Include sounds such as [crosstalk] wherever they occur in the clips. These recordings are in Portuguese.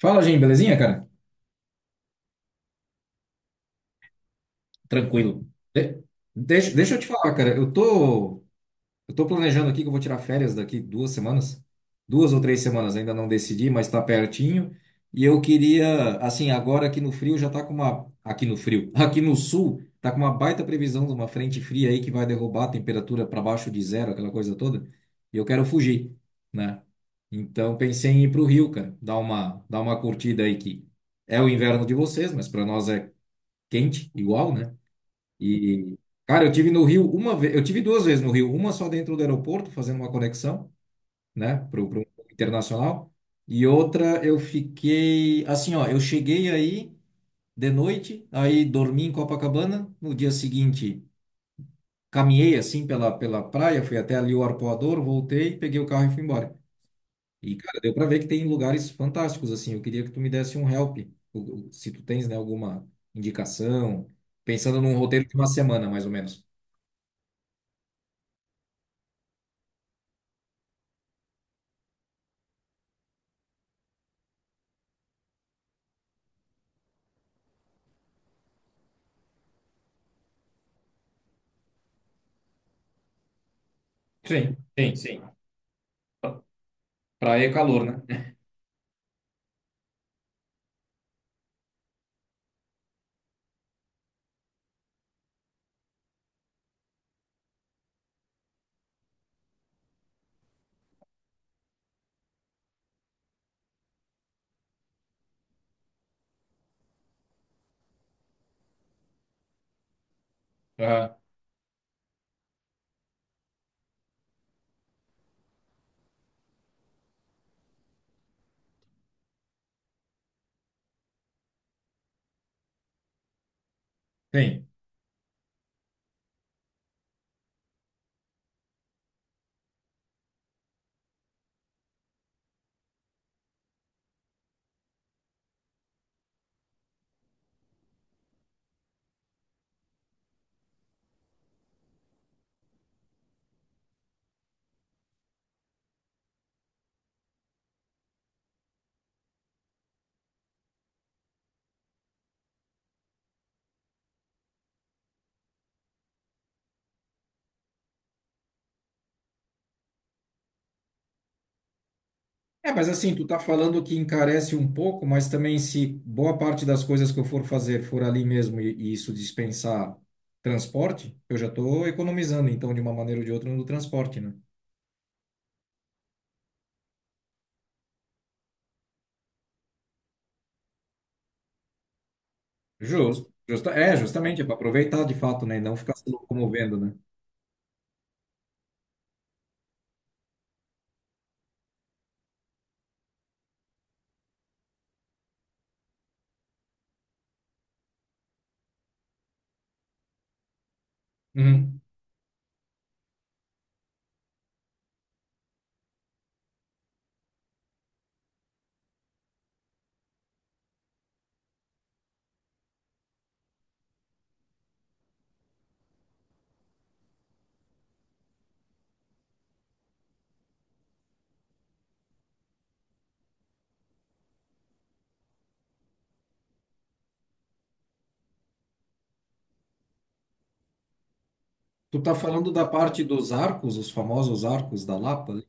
Fala, Jim, belezinha, cara? Tranquilo. De- deixa eu te falar, cara. Eu tô planejando aqui que eu vou tirar férias daqui duas semanas. Duas ou três semanas, ainda não decidi, mas tá pertinho. E eu queria, assim, agora aqui no frio já tá com uma. Aqui no frio, [laughs] aqui no sul, tá com uma baita previsão de uma frente fria aí que vai derrubar a temperatura para baixo de zero, aquela coisa toda. E eu quero fugir, né? Então pensei em ir pro Rio, cara, dar uma curtida aí que é o inverno de vocês, mas para nós é quente, igual, né? E, cara, eu tive duas vezes no Rio, uma só dentro do aeroporto, fazendo uma conexão, né, para pro internacional, e outra eu fiquei, assim, ó, eu cheguei aí de noite, aí dormi em Copacabana, no dia seguinte caminhei, assim, pela praia, fui até ali o Arpoador, voltei, peguei o carro e fui embora. E, cara, deu pra ver que tem lugares fantásticos, assim. Eu queria que tu me desse um help, se tu tens, né, alguma indicação, pensando num roteiro de uma semana, mais ou menos. Sim, sim, sim. Praia é calor, né? Aham. Tem. É, mas assim, tu tá falando que encarece um pouco, mas também se boa parte das coisas que eu for fazer for ali mesmo e isso dispensar transporte, eu já tô economizando, então, de uma maneira ou de outra, no transporte, né? Justo. Justa, é, justamente, é para aproveitar de fato, né? E não ficar se locomovendo, né? Uhum. Tu tá falando da parte dos arcos, os famosos arcos da Lapa, ali?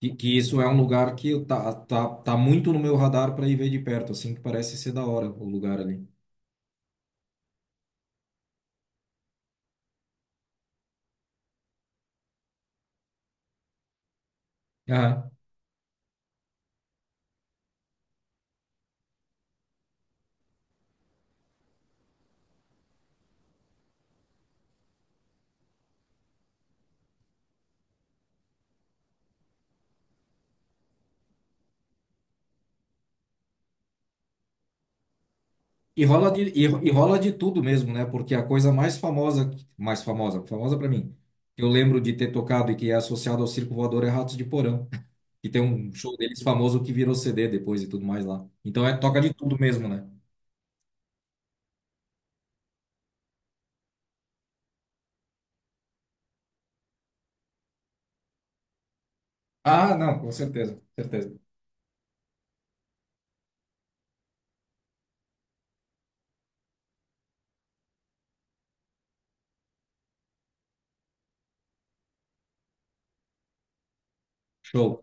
Que isso é um lugar que tá muito no meu radar para ir ver de perto, assim que parece ser da hora o lugar ali. Aham. E rola de tudo mesmo, né? Porque a coisa mais famosa, famosa para mim, que eu lembro de ter tocado e que é associado ao Circo Voador é Ratos de Porão, [laughs] que tem um show deles famoso que virou CD depois e tudo mais lá. Então é toca de tudo mesmo, né? Ah, não, com certeza, certeza. Show.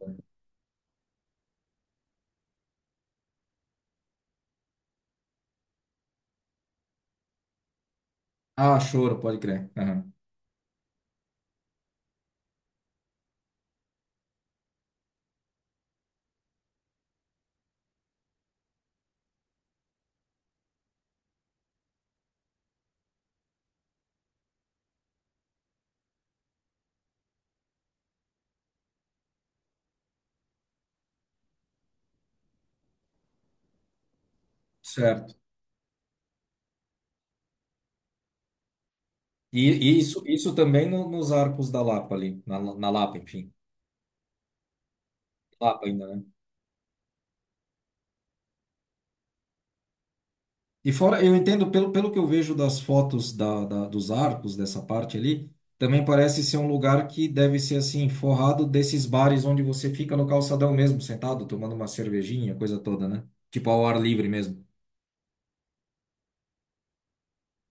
Ah, choro, pode crer. Aham. Certo. E, e isso, isso também nos Arcos da Lapa ali, na Lapa, enfim. Lapa ainda, né? E fora, eu entendo, pelo que eu vejo das fotos dos arcos dessa parte ali, também parece ser um lugar que deve ser assim, forrado desses bares onde você fica no calçadão mesmo, sentado, tomando uma cervejinha, coisa toda, né? Tipo ao ar livre mesmo,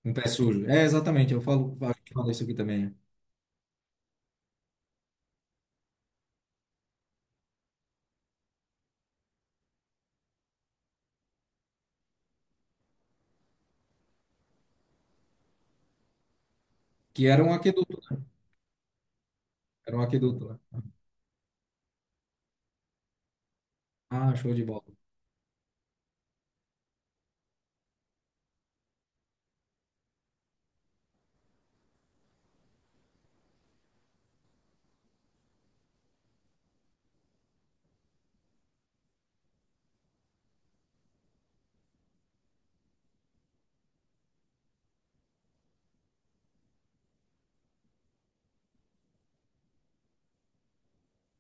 um pé sujo. É, exatamente, eu falo, a gente fala isso aqui também, né? Que era um aqueduto, né? Era um aqueduto, né? Ah, show de bola.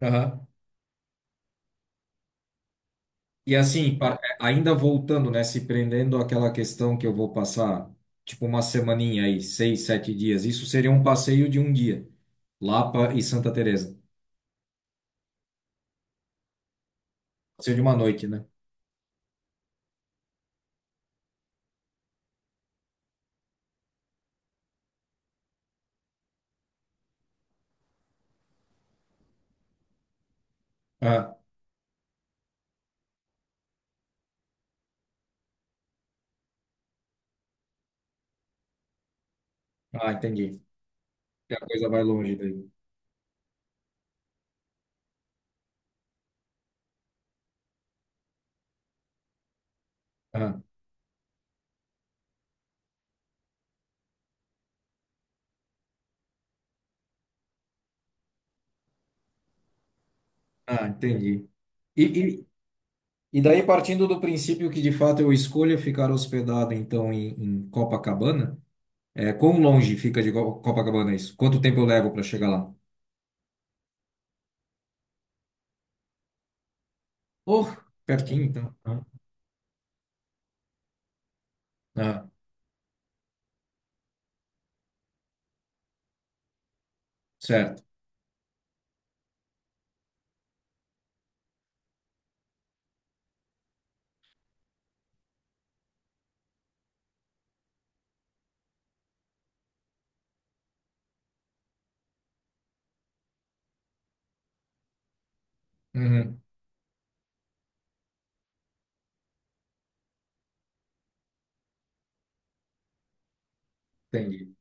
Aham. E assim, é, ainda voltando, né, se prendendo àquela questão que eu vou passar, tipo uma semaninha aí, seis, sete dias, isso seria um passeio de um dia, Lapa e Santa Teresa. Passeio de uma noite, né? Ah, ah, entendi. E a coisa vai longe daí. Ah, ah, entendi. E, e, e daí, partindo do princípio que de fato eu escolha ficar hospedado, então, em, em Copacabana, é, quão longe fica de Copacabana isso? Quanto tempo eu levo para chegar lá? Oh, pertinho, então. Ah, certo. Uhum. Entendi.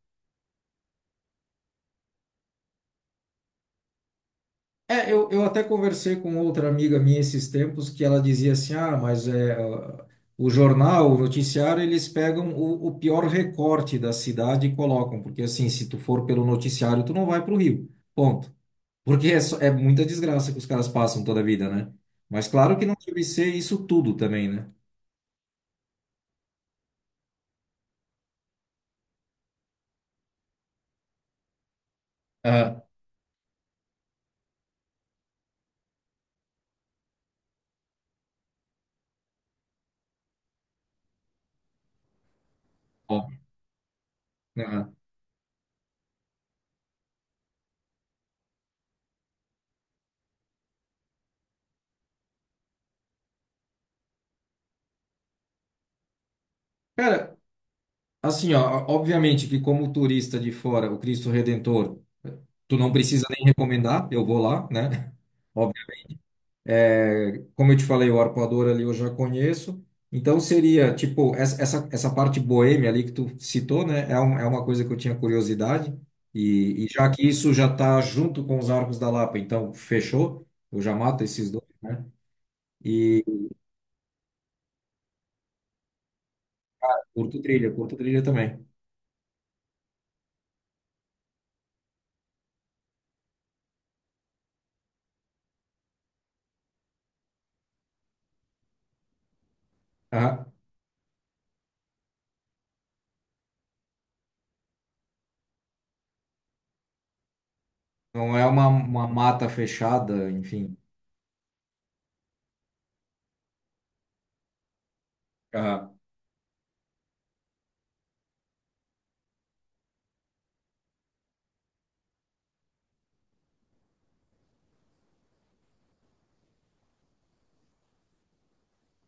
Eu até conversei com outra amiga minha esses tempos que ela dizia assim, ah, mas é, ó, o jornal, o noticiário, eles pegam o pior recorte da cidade e colocam, porque assim, se tu for pelo noticiário, tu não vai para o Rio, ponto. Porque é, é muita desgraça que os caras passam toda a vida, né? Mas claro que não deve ser isso tudo também, né? Ah. Bom. Aham. Cara, assim, ó, obviamente que como turista de fora, o Cristo Redentor, tu não precisa nem recomendar, eu vou lá, né? [laughs] É, como eu te falei, o arpoador ali eu já conheço. Então seria, tipo, essa parte boêmia ali que tu citou, né? É, um, é uma coisa que eu tinha curiosidade. E já que isso já tá junto com os Arcos da Lapa, então fechou. Eu já mato esses dois, né? E curto trilha também. Aham. Não é uma mata fechada, enfim. Aham.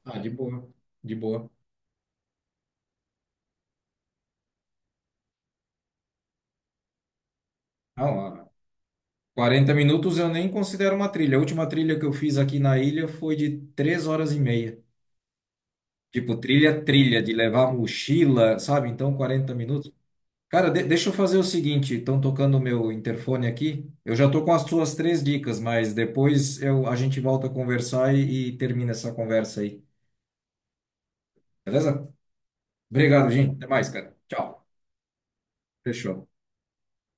Ah, de boa, de boa. Não, ah, 40 minutos eu nem considero uma trilha. A última trilha que eu fiz aqui na ilha foi de 3 horas e meia. Tipo, trilha, trilha, de levar mochila, sabe? Então, 40 minutos. Cara, deixa eu fazer o seguinte: estão tocando o meu interfone aqui. Eu já tô com as suas três dicas, mas depois a gente volta a conversar e termina essa conversa aí. Beleza? Obrigado, gente. Até mais, cara. Tchau. Fechou.